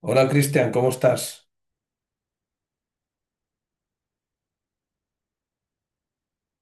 Hola Cristian, ¿cómo estás?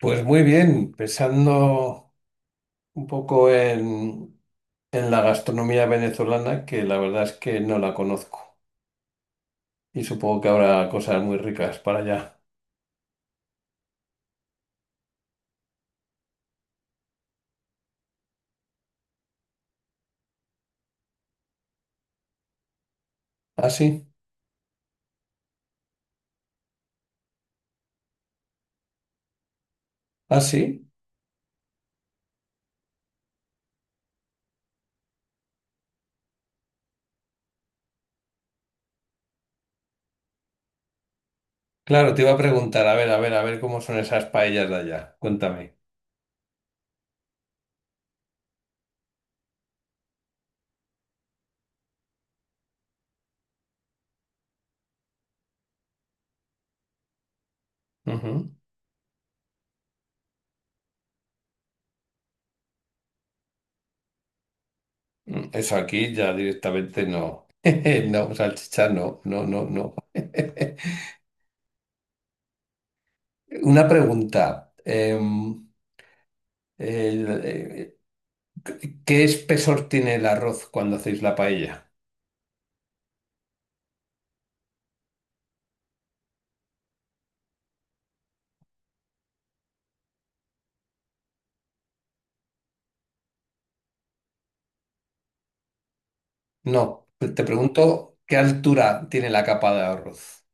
Pues muy bien, pensando un poco en la gastronomía venezolana, que la verdad es que no la conozco y supongo que habrá cosas muy ricas para allá. ¿Ah, sí? ¿Ah, sí? Claro, te iba a preguntar, a ver, a ver, a ver cómo son esas paellas de allá. Cuéntame. Ujú. Mm, eso aquí ya directamente no. No, salchicha no, no, no, no. Una pregunta. El- eh, ¿Qué espesor tiene el arroz cuando hacéis la paella? No, te pregunto qué altura tiene la capa de arroz.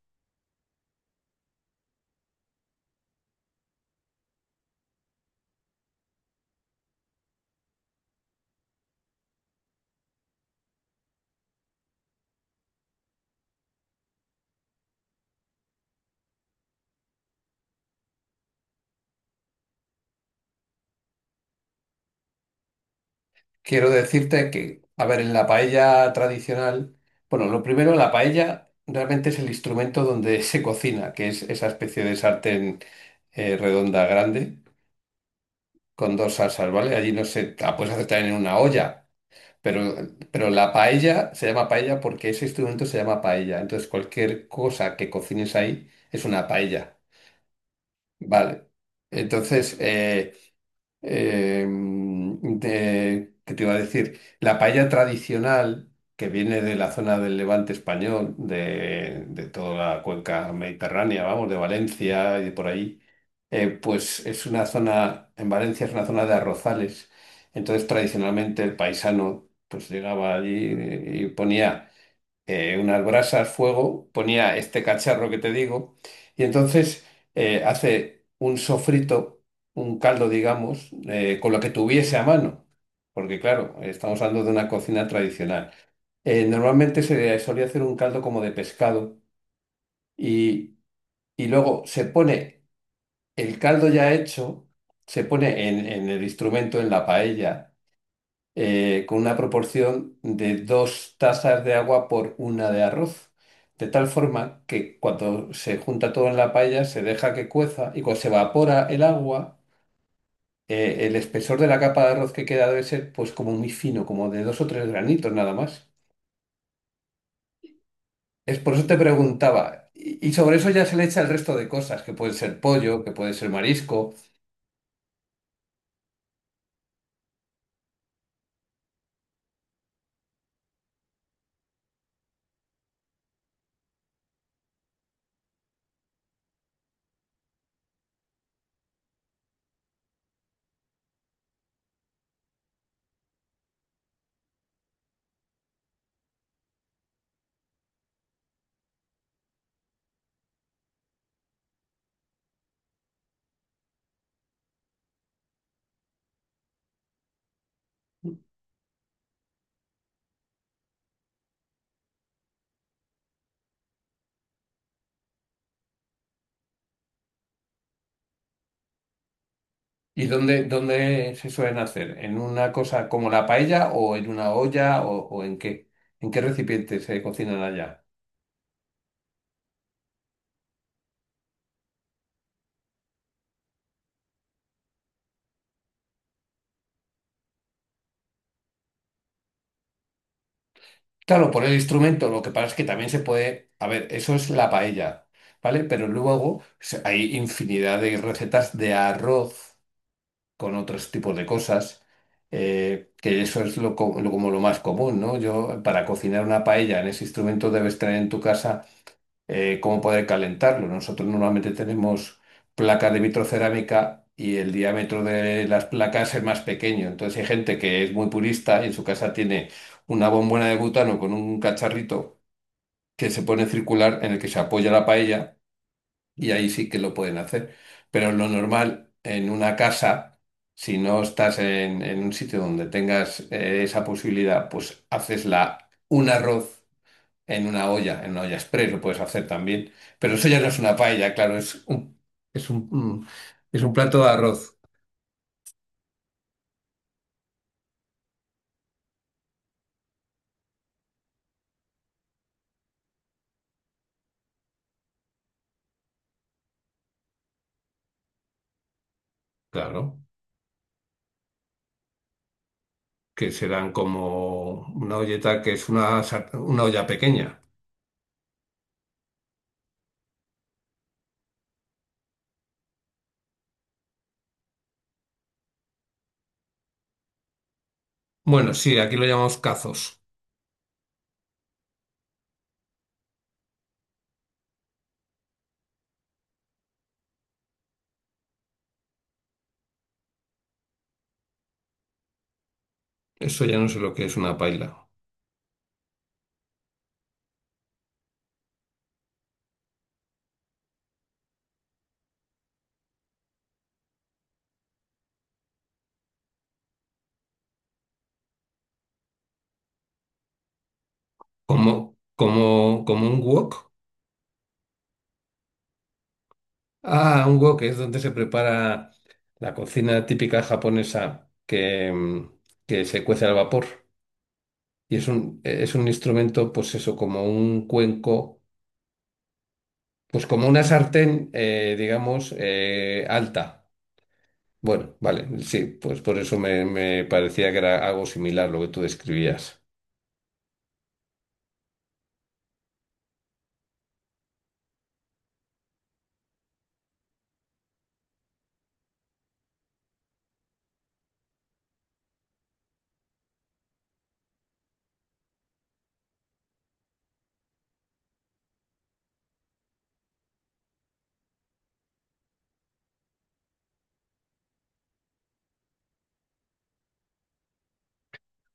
Quiero decirte que, a ver, en la paella tradicional, bueno, lo primero, la paella realmente es el instrumento donde se cocina, que es esa especie de sartén redonda grande con dos salsas, ¿vale? Allí no se, la puedes hacer también en una olla, pero, pero la paella se llama paella porque ese instrumento se llama paella. Entonces, cualquier cosa que cocines ahí es una paella. Vale. Entonces, ¿qué te iba a decir? La paella tradicional, que viene de la zona del Levante español, de toda la cuenca mediterránea, vamos, de Valencia y de por ahí, pues es una zona, en Valencia es una zona de arrozales. Entonces, tradicionalmente el paisano pues llegaba allí y ponía unas brasas, fuego, ponía este cacharro que te digo, y entonces hace un sofrito, un caldo, digamos, con lo que tuviese a mano, porque claro, estamos hablando de una cocina tradicional. Normalmente se solía hacer un caldo como de pescado y, y luego se pone el caldo ya hecho, se pone en el instrumento, en la paella, con una proporción de dos tazas de agua por una de arroz. De tal forma que cuando se junta todo en la paella se deja que cueza y cuando se evapora el agua, el espesor de la capa de arroz que queda debe ser pues como muy fino, como de dos o tres granitos nada más. Es por eso te preguntaba. Y sobre eso ya se le echa el resto de cosas, que puede ser pollo, que puede ser marisco. ¿Y dónde se suelen hacer? ¿En una cosa como la paella o en una olla o en qué? ¿En qué recipiente se cocinan allá? Claro, por el instrumento, lo que pasa es que también se puede, a ver, eso es la paella, ¿vale? Pero luego hay infinidad de recetas de arroz con otros tipos de cosas, que eso es como lo más común, ¿no? Yo, para cocinar una paella en ese instrumento debes tener en tu casa cómo poder calentarlo. Nosotros normalmente tenemos placas de vitrocerámica y el diámetro de las placas es más pequeño. Entonces hay gente que es muy purista y en su casa tiene una bombona de butano con un cacharrito que se pone circular en el que se apoya la paella y ahí sí que lo pueden hacer. Pero lo normal en una casa, si no estás en un sitio donde tengas esa posibilidad, pues haces la, un arroz en una olla express lo puedes hacer también. Pero eso ya no es una paella, claro, es un, mm, es un plato de arroz, claro, que serán como una olleta que es una olla pequeña. Bueno, sí, aquí lo llamamos cazos. Eso ya no sé lo que es una paella. Como un wok. Ah, un wok es donde se prepara la cocina típica japonesa que se cuece al vapor. Y es un instrumento, pues eso, como un cuenco. Pues como una sartén, digamos, alta. Bueno, vale, sí, pues por eso me parecía que era algo similar lo que tú describías.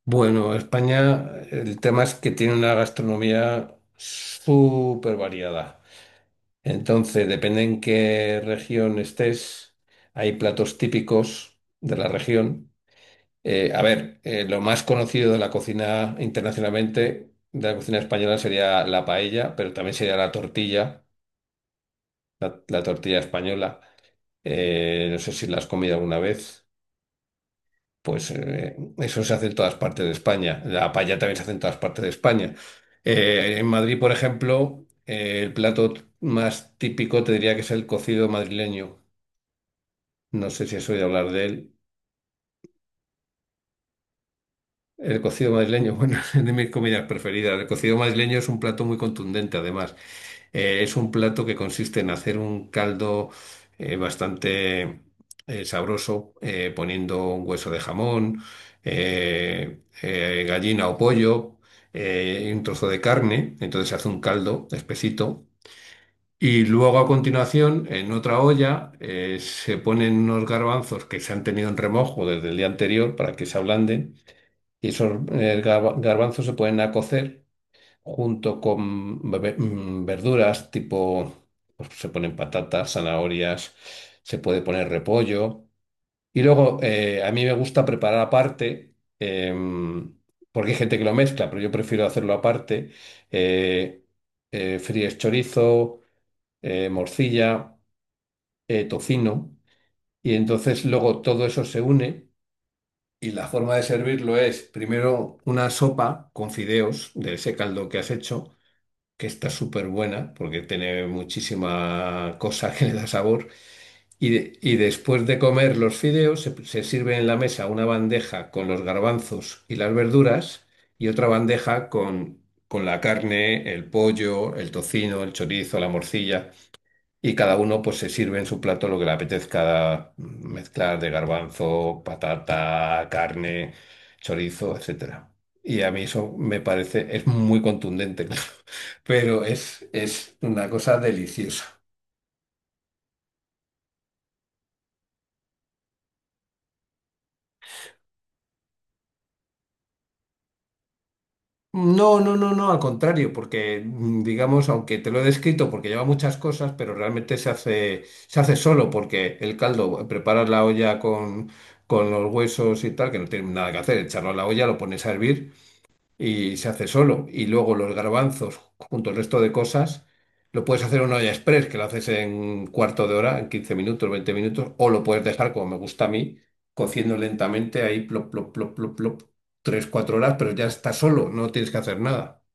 Bueno, España, el tema es que tiene una gastronomía súper variada. Entonces, depende en qué región estés, hay platos típicos de la región. A ver, lo más conocido de la cocina internacionalmente, de la cocina española, sería la paella, pero también sería la tortilla. La tortilla española. No sé si la has comido alguna vez. Pues eso se hace en todas partes de España. La paella también se hace en todas partes de España. En Madrid, por ejemplo, el plato más típico te diría que es el cocido madrileño. No sé si has oído hablar de él. El cocido madrileño, bueno, es de mis comidas preferidas. El cocido madrileño es un plato muy contundente, además. Es un plato que consiste en hacer un caldo bastante sabroso, poniendo un hueso de jamón, gallina o pollo, y un trozo de carne. Entonces se hace un caldo espesito. Y luego a continuación, en otra olla, se ponen unos garbanzos que se han tenido en remojo desde el día anterior para que se ablanden. Y esos garbanzos se ponen a cocer junto con verduras tipo, pues, se ponen patatas, zanahorias, se puede poner repollo. Y luego a mí me gusta preparar aparte, porque hay gente que lo mezcla, pero yo prefiero hacerlo aparte. eh, fríes chorizo, morcilla, tocino. Y entonces luego todo eso se une. Y la forma de servirlo es primero una sopa con fideos de ese caldo que has hecho que está súper buena porque tiene muchísima cosa que le da sabor. Y después de comer los fideos, se sirve en la mesa una bandeja con los garbanzos y las verduras y otra bandeja con la carne, el pollo, el tocino, el chorizo, la morcilla. Y cada uno pues se sirve en su plato lo que le apetezca mezclar de garbanzo, patata, carne, chorizo, etcétera. Y a mí eso me parece, es muy contundente. Pero es una cosa deliciosa. No, no, no, no, al contrario, porque digamos, aunque te lo he descrito porque lleva muchas cosas, pero realmente se hace solo porque el caldo, preparas la olla con los huesos y tal, que no tiene nada que hacer, echarlo a la olla, lo pones a hervir y se hace solo. Y luego los garbanzos, junto al resto de cosas, lo puedes hacer en una olla express, que lo haces en cuarto de hora, en 15 minutos, 20 minutos, o lo puedes dejar, como me gusta a mí, cociendo lentamente ahí, plop, plop, plop, plop, plop, 3 4 horas, pero ya está solo, no tienes que hacer nada.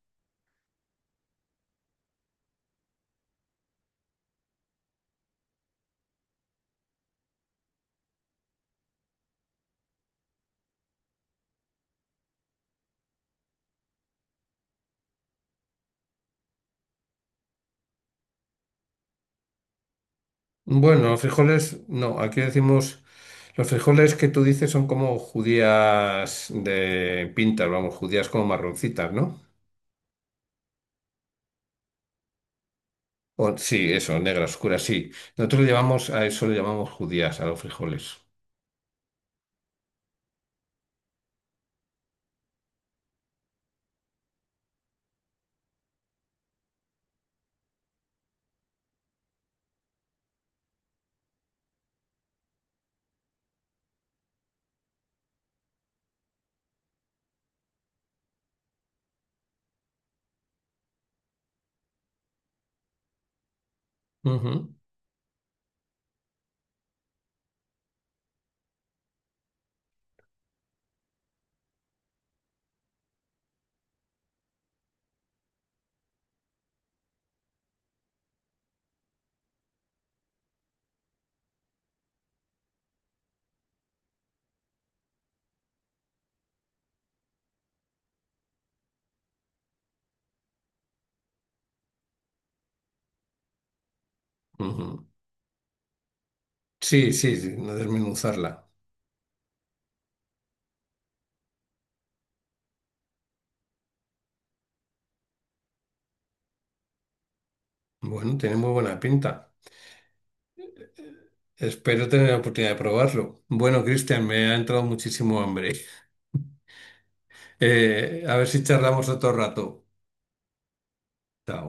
Bueno, los frijoles, no, aquí decimos, los frijoles que tú dices son como judías de pintas, vamos, judías como marroncitas, ¿no? Sí, eso, negras oscuras, sí. Nosotros le llamamos, a eso le llamamos judías, a los frijoles. Ujú, ujú. Sí, sí, sí, no desmenuzarla. Bueno, tiene muy buena pinta. Espero tener la oportunidad de probarlo. Bueno, Cristian, me ha entrado muchísimo hambre. A ver si charlamos otro rato. Chao.